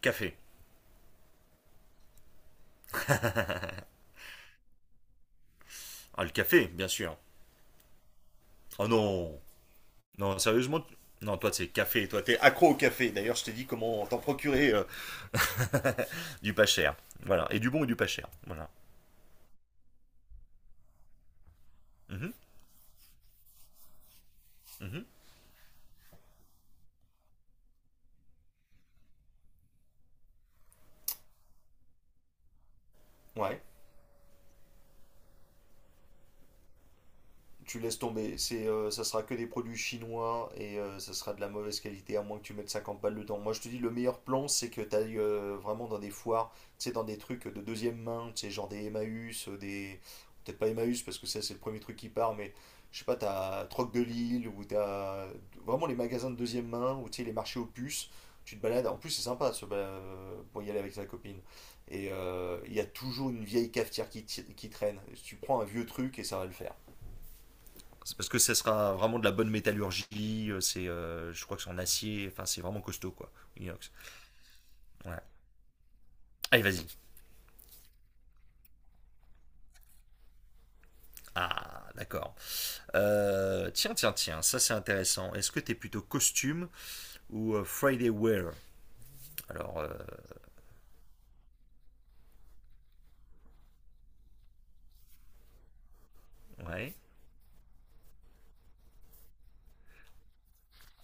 Café. Ah, le café, bien sûr. Oh non. Non, sérieusement. Non, toi, c'est café. Toi, t'es accro au café. D'ailleurs, je t'ai dit comment t'en procurer du pas cher. Voilà. Et du bon et du pas cher. Voilà. Mhm, mhm. Ouais. Tu laisses tomber. Ça sera que des produits chinois et ça sera de la mauvaise qualité, à moins que tu mettes 50 balles dedans. Moi, je te dis, le meilleur plan, c'est que tu ailles vraiment dans des foires, tu sais, dans des trucs de deuxième main, tu sais, genre des Emmaüs, des. Peut-être pas Emmaüs, parce que ça, c'est le premier truc qui part, mais je sais pas, t'as Troc de Lille, ou t'as vraiment les magasins de deuxième main, ou tu sais, les marchés aux puces. Tu te balades, en plus, c'est sympa pour y aller avec sa copine. Et il y a toujours une vieille cafetière qui traîne. Tu prends un vieux truc et ça va le faire. C'est parce que ça sera vraiment de la bonne métallurgie, je crois que c'est en acier, enfin c'est vraiment costaud quoi, inox. Ouais. Allez, vas-y. Ah, d'accord. Tiens tiens tiens, ça c'est intéressant. Est-ce que t'es plutôt costume ou Friday wear? Alors, ouais.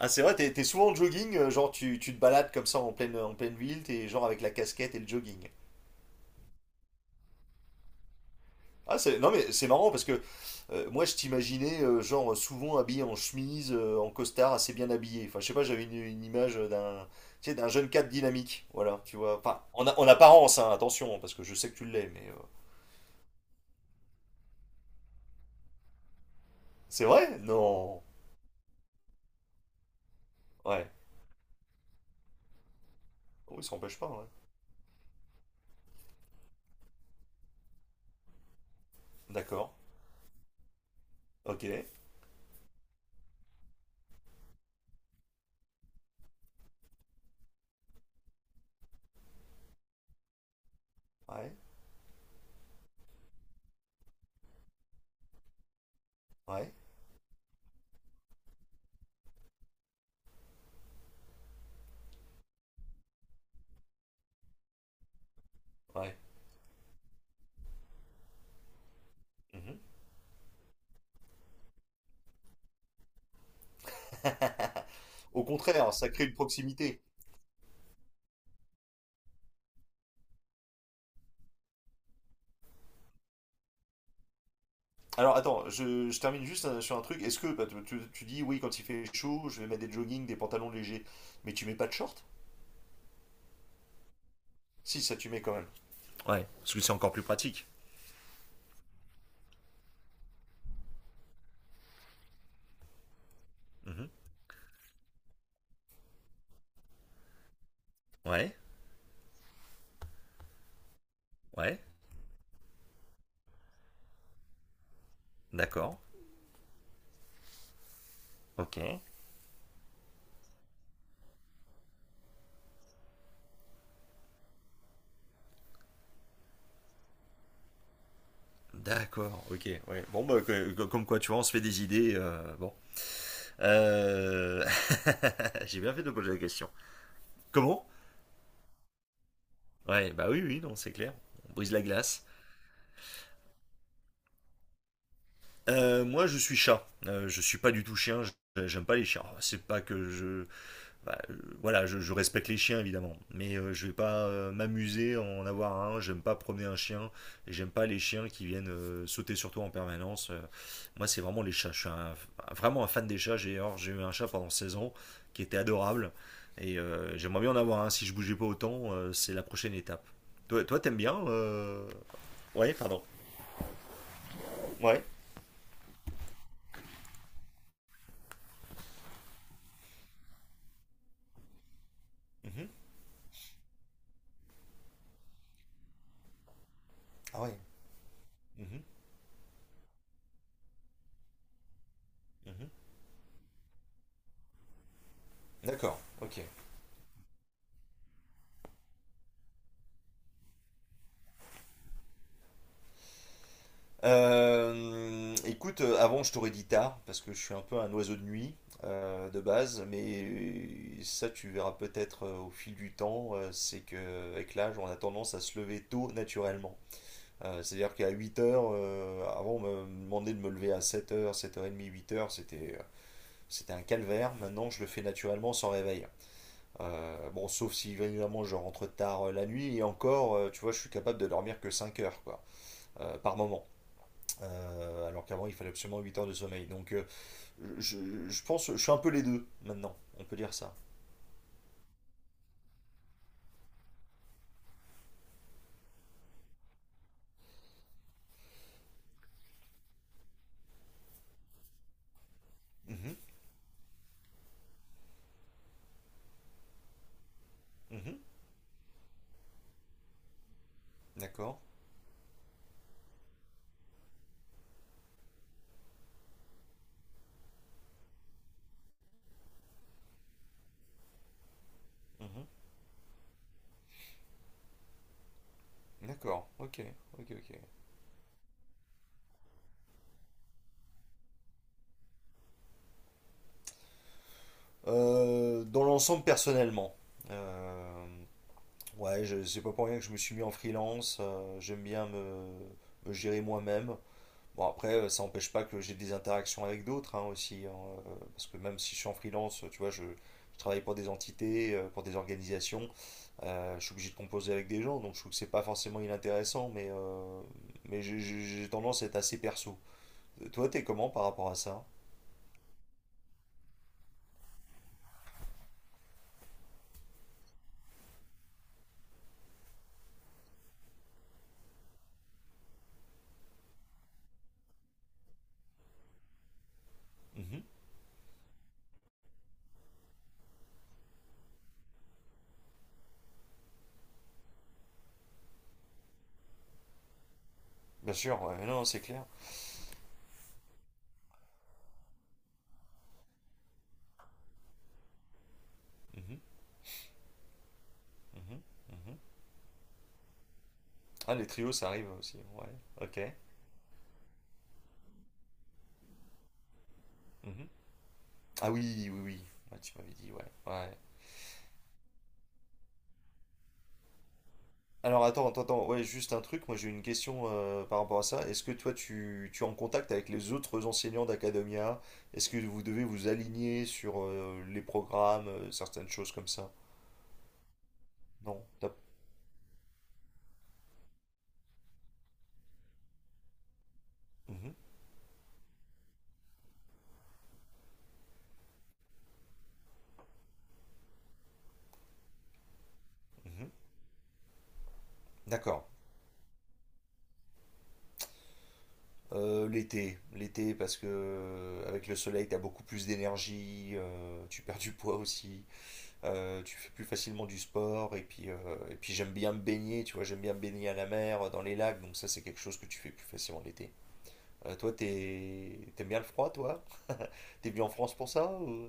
Ah, c'est vrai, t'es souvent en jogging, genre tu te balades comme ça en pleine ville, t'es genre avec la casquette et le jogging. Non, mais c'est marrant parce que moi, je t'imaginais, genre, souvent habillé en chemise, en costard, assez bien habillé. Enfin, je sais pas, j'avais une image d'un, tu sais, d'un jeune cadre dynamique. Voilà, tu vois. Enfin, en apparence, hein, attention, hein, parce que je sais que tu l'es, mais. C'est vrai? Non. Ouais. Oh, il s'empêche pas, ouais. D'accord. Ok. Ouais. Ouais. Ouais. Mhm. Au contraire, ça crée une proximité. Alors attends, je termine juste sur un truc. Est-ce que bah, tu dis oui quand il fait chaud, je vais mettre des joggings, des pantalons légers, mais tu mets pas de short? Si, ça tu mets quand même. Ouais, parce que c'est encore plus pratique. Mhm. Ouais, ouais, d'accord. Ok. D'accord, ok. Ouais. Bon, bah, comme quoi, tu vois, on se fait des idées. Bon. Euh, J'ai bien fait de poser la question. Comment? Ouais, bah oui, oui, non, c'est clair. On brise la glace. Moi, je suis chat. Je suis pas du tout chien. J'aime pas les chiens. Oh, c'est pas que je, bah, voilà, je respecte les chiens évidemment, mais je vais pas m'amuser à en avoir un. J'aime pas promener un chien et j'aime pas les chiens qui viennent sauter sur toi en permanence. Moi, c'est vraiment les chats. Je suis vraiment un fan des chats. J'ai alors, j'ai eu un chat pendant 16 ans qui était adorable et j'aimerais bien en avoir un. Si je bougeais pas autant, c'est la prochaine étape. Toi, t'aimes bien. Ouais, pardon. Ouais. Mhm. Ah ouais. Mhm. Mhm. D'accord, ok. Écoute, avant je t'aurais dit tard, parce que je suis un peu un oiseau de nuit de base, mais ça tu verras peut-être au fil du temps, c'est que avec l'âge on a tendance à se lever tôt naturellement. C'est-à-dire qu'à 8 heures, avant on me demandait de me lever à 7 heures, 7h30, 8 heures, c'était c'était un calvaire, maintenant je le fais naturellement sans réveil. Bon, sauf si évidemment je rentre tard la nuit, et encore, tu vois, je suis capable de dormir que 5 heures quoi, par moment. Alors qu'avant, il fallait absolument 8 heures de sommeil. Donc, je pense, je suis un peu les deux maintenant. On peut dire ça. Mhm, mhm, d'accord. Mhm, d'accord. Ok, ok, ok. Dans l'ensemble, personnellement, euh, ouais, c'est pas pour rien que je me suis mis en freelance. J'aime bien me gérer moi-même. Bon, après, ça n'empêche pas que j'ai des interactions avec d'autres hein, aussi. Hein, parce que même si je suis en freelance, tu vois, je travaille pour des entités, pour des organisations, je suis obligé de composer avec des gens, donc je trouve que c'est pas forcément inintéressant, mais j'ai tendance à être assez perso. Toi, t'es comment par rapport à ça? Mhm. Bien sûr, ouais, non, non, c'est clair. Mhm, mhm, mhm. Ah, les trios, ça arrive aussi, ouais, ok. Mhm. Ah oui, oui, oui, ouais, tu m'avais dit, ouais, ouais. Alors attends, attends, attends, ouais, juste un truc, moi j'ai une question par rapport à ça. Est-ce que toi tu es en contact avec les autres enseignants d'Academia? Est-ce que vous devez vous aligner sur les programmes, certaines choses comme ça? Non. Mhm, mhm. D'accord. L'été, l'été parce que avec le soleil t'as beaucoup plus d'énergie, tu perds du poids aussi, tu fais plus facilement du sport et puis j'aime bien me baigner, tu vois, j'aime bien me baigner à la mer, dans les lacs, donc ça c'est quelque chose que tu fais plus facilement l'été. Toi, t'aimes bien le froid, toi? T'es venu en France pour ça?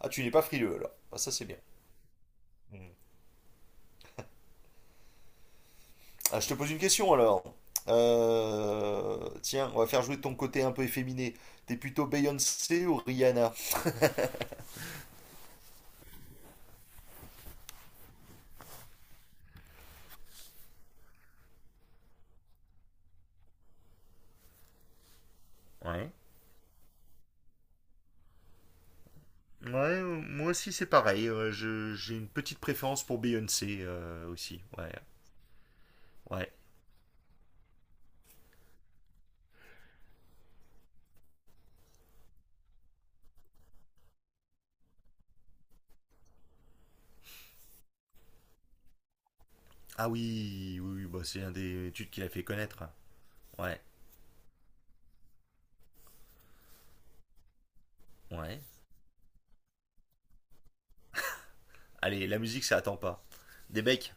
Ah, tu n'es pas frileux alors. Ah, ça, c'est bien. Mm. Ah, je te pose une question alors. Tiens, on va faire jouer ton côté un peu efféminé. T'es plutôt Beyoncé ou Rihanna? Ouais. Ouais, moi aussi c'est pareil. J'ai une petite préférence pour Beyoncé aussi. Ouais, ouais. Ah oui, oui, oui, bah c'est un des études qui l'a fait connaître. Ouais, ouais. Allez, la musique ça attend pas. Des becs.